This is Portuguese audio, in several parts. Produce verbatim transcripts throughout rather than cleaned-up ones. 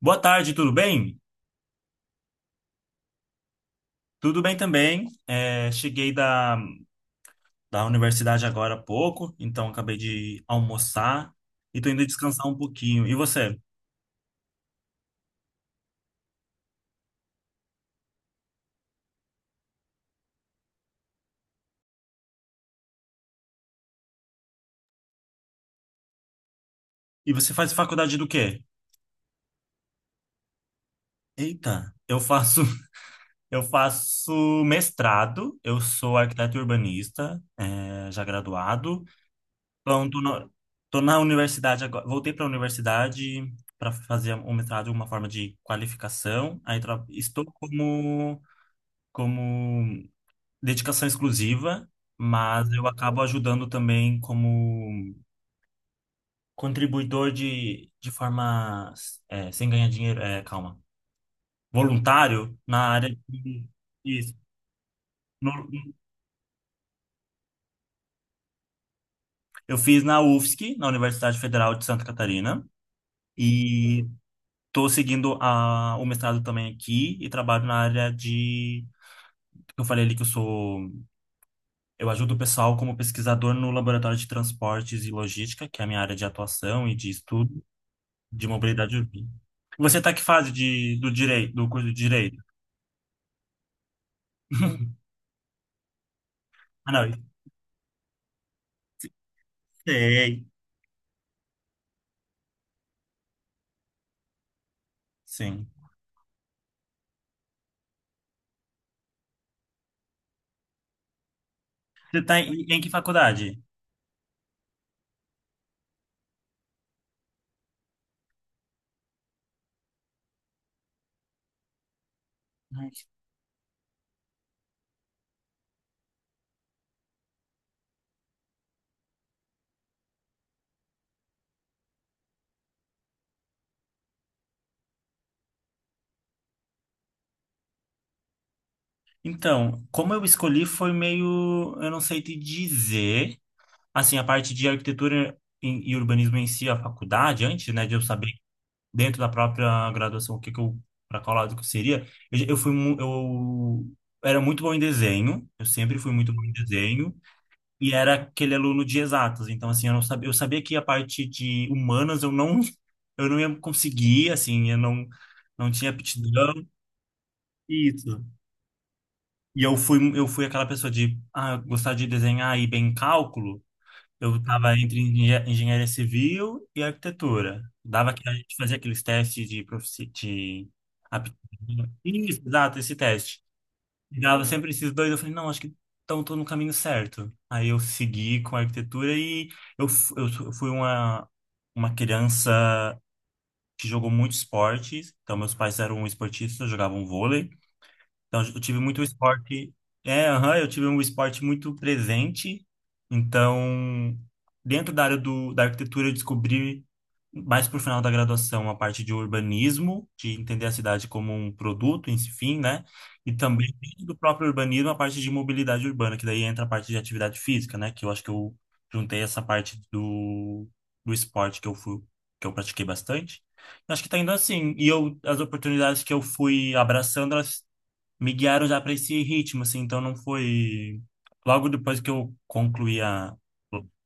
Boa tarde, tudo bem? Tudo bem também. É, cheguei da, da universidade agora há pouco, então acabei de almoçar e tô indo descansar um pouquinho. E você? E você faz faculdade do quê? Eita, eu faço eu faço mestrado, eu sou arquiteto urbanista, é, já graduado. Então, tô na, tô na universidade agora, voltei para a universidade para fazer um mestrado, uma forma de qualificação. Aí tra- estou como como dedicação exclusiva, mas eu acabo ajudando também como contribuidor de, de forma é, sem ganhar dinheiro, é, calma, voluntário na área de, isso. No- eu fiz na U F S C, na Universidade Federal de Santa Catarina, e estou seguindo a, o mestrado também aqui e trabalho na área de eu falei ali que eu sou, eu ajudo o pessoal como pesquisador no laboratório de transportes e logística, que é a minha área de atuação e de estudo. De mobilidade urbana. Você tá que fase de, do direito, do curso de direito? Ah, não, sei, sim. Você tá em, em que faculdade? Então, como eu escolhi foi meio, eu não sei te dizer, assim, a parte de arquitetura e e urbanismo em si, a faculdade, antes, né, de eu saber dentro da própria graduação o que que eu, para qual lado que eu seria, eu, eu fui, mu- eu era muito bom em desenho, eu sempre fui muito bom em desenho. E era aquele aluno de exatas. Então, assim, eu não sabia, eu sabia que a parte de humanas eu não, eu não ia conseguir, assim, eu não, não tinha aptidão. Isso. E eu fui, eu fui aquela pessoa de ah, gostar de desenhar e bem cálculo. Eu estava entre engenha- engenharia civil e arquitetura. Dava que a gente fazia aqueles testes de, profici- de aptidão. Isso, exato, esse teste. E dava sempre esses dois, eu falei, não, acho que então tô no caminho certo. Aí eu segui com a arquitetura e eu, f- eu su- eu fui uma, uma criança que jogou muito esportes. Então meus pais eram esportistas, jogavam vôlei. Então, eu tive muito esporte. É, aham, eu tive um esporte muito presente. Então, dentro da área do, da arquitetura, eu descobri mais pro final da graduação a parte de urbanismo, de entender a cidade como um produto, enfim, né? E também dentro do próprio urbanismo a parte de mobilidade urbana, que daí entra a parte de atividade física, né? Que eu acho que eu juntei essa parte do, do esporte que eu fui, que eu pratiquei bastante. Acho que tá indo assim. E eu, as oportunidades que eu fui abraçando, elas me guiaram já para esse ritmo, assim, então não foi. Logo depois que eu concluí a.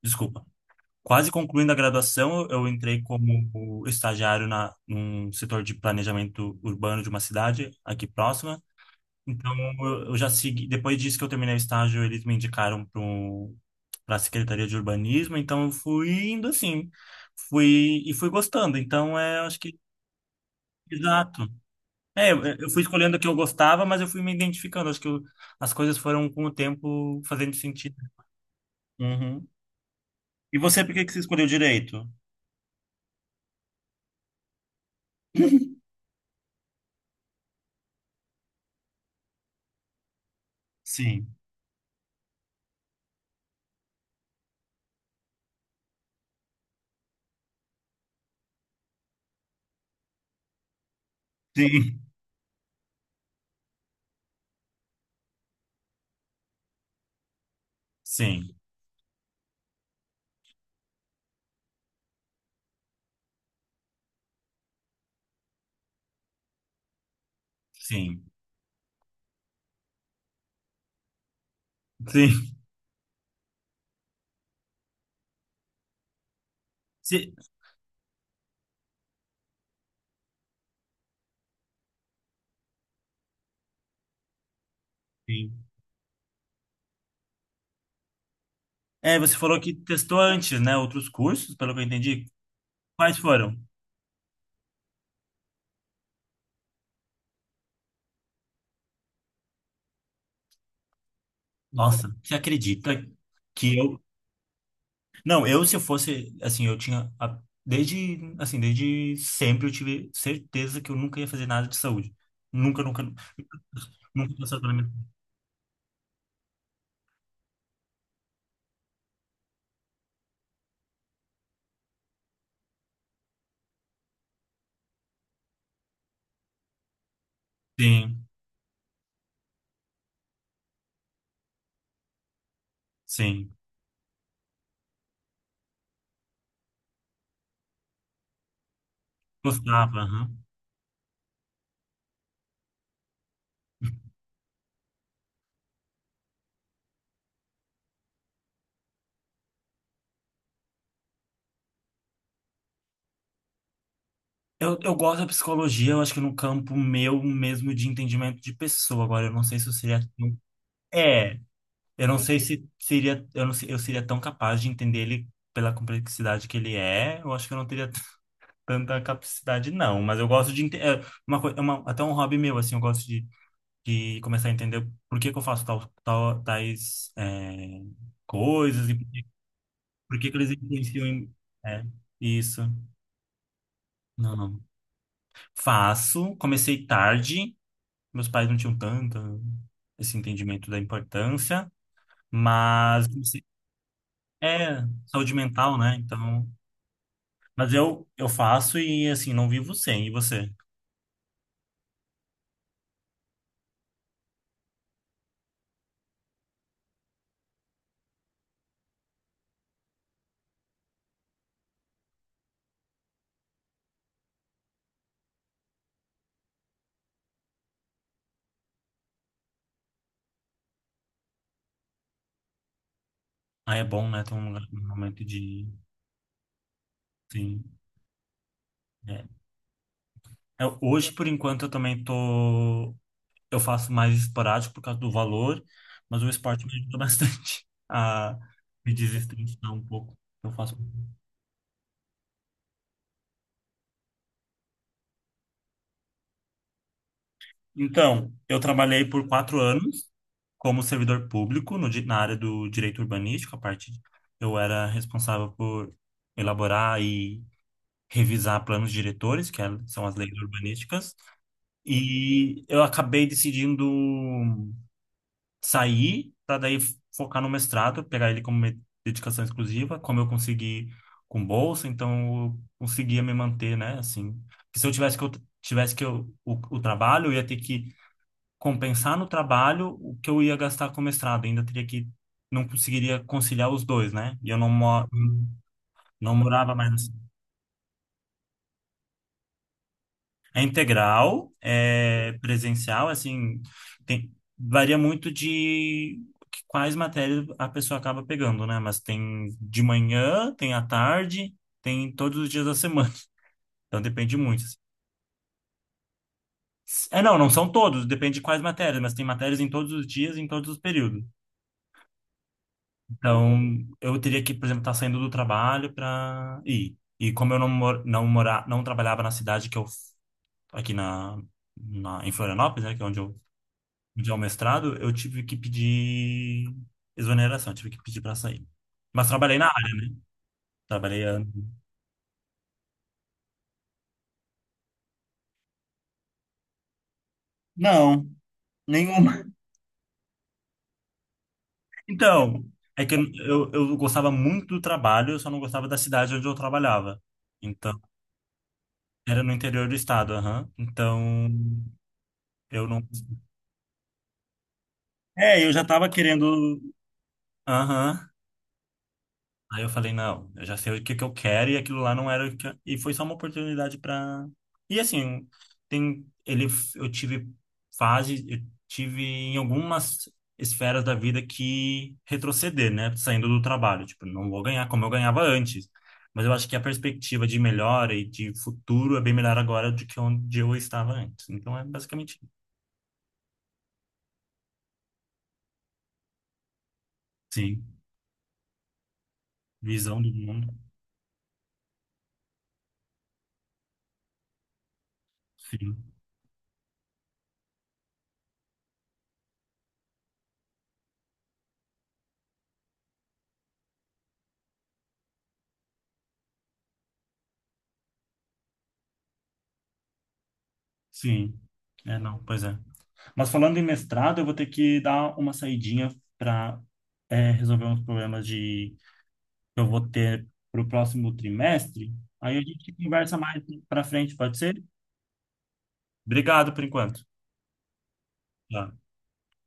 Desculpa. Quase concluindo a graduação, eu entrei como estagiário na, num setor de planejamento urbano de uma cidade aqui próxima. Então, eu eu já segui. Depois disso que eu terminei o estágio, eles me indicaram para a Secretaria de Urbanismo. Então, eu fui indo assim. Fui, e fui gostando. Então, é, acho que. Exato. É, eu, eu fui escolhendo o que eu gostava, mas eu fui me identificando. Acho que eu as coisas foram com o tempo fazendo sentido. Uhum. E você, por que que você escolheu direito? Sim. Sim. Sim. Sim. Sim. Se- Sim. É, você falou que testou antes, né? Outros cursos, pelo que eu entendi. Quais foram? Nossa, você acredita que eu. Não, eu se eu fosse. Assim, eu tinha. A- Desde. Assim, desde sempre eu tive certeza que eu nunca ia fazer nada de saúde. Nunca, nunca. Nunca passou pela minha. Sim. Sim. Gostava, aham. Eu, eu gosto da psicologia, eu acho que no campo meu mesmo de entendimento de pessoa. Agora, eu não sei se eu seria. Tão- É, eu não sei se seria. Eu não sei eu seria tão capaz de entender ele pela complexidade que ele é. Eu acho que eu não teria t- tanta capacidade, não. Mas eu gosto de. Ente- É uma, coi- é uma, até um hobby meu, assim, eu gosto de, de começar a entender por que que eu faço tal, tal- tais é, coisas e por que que eles influenciam em. É, isso. Não, não. Faço, comecei tarde, meus pais não tinham tanto esse entendimento da importância, mas comecei é saúde mental, né? Então, mas eu eu faço e assim não vivo sem. E você? Ah, é bom, né? Ter um, lugar um momento de sim. é. Eu hoje, por enquanto, eu também tô eu faço mais esporádico por causa do valor, mas o esporte me ajuda bastante a me desestressar um pouco. Eu faço. Então, eu trabalhei por quatro anos como servidor público no, di- na área do direito urbanístico. A parte eu era responsável por elaborar e revisar planos diretores, que é- são as leis urbanísticas. E eu acabei decidindo sair para daí focar no mestrado, pegar ele como me- dedicação exclusiva, como eu consegui com bolsa, então eu conseguia me manter, né? Assim, porque se eu tivesse que eu tivesse que eu, o, o trabalho, eu ia ter que compensar no trabalho o que eu ia gastar com o mestrado. Ainda teria que, não conseguiria conciliar os dois, né? E eu não, mo- não morava mais. Assim. É integral, é presencial, assim, tem, varia muito de quais matérias a pessoa acaba pegando, né? Mas tem de manhã, tem à tarde, tem todos os dias da semana. Então depende muito. Assim. É, não, não são todos, depende de quais matérias, mas tem matérias em todos os dias, em todos os períodos. Então, eu teria que, por exemplo, estar saindo do trabalho para ir. E como eu não mor não morar, não trabalhava na cidade que eu f- aqui na, na em Florianópolis, né, que é onde eu onde é o mestrado, eu tive que pedir exoneração, eu tive que pedir para sair. Mas trabalhei na área, trabalhei ano. Não, nenhuma. Então, é que eu, eu gostava muito do trabalho, eu só não gostava da cidade onde eu trabalhava. Então, era no interior do estado, aham. Então, eu não é, eu já tava querendo. Aham. Aí eu falei, não, eu já sei o que que eu quero e aquilo lá não era o que eu e foi só uma oportunidade para e assim, tem ele eu tive fase, eu tive em algumas esferas da vida que retroceder, né, saindo do trabalho, tipo, não vou ganhar como eu ganhava antes. Mas eu acho que a perspectiva de melhora e de futuro é bem melhor agora do que onde eu estava antes. Então é basicamente isso. Sim, visão do mundo. Sim. Sim. É, não, pois é. Mas falando em mestrado, eu vou ter que dar uma saidinha para resolver uns problemas de que eu vou ter para o próximo trimestre. Aí a gente conversa mais para frente, pode ser? Obrigado por enquanto. Tchau.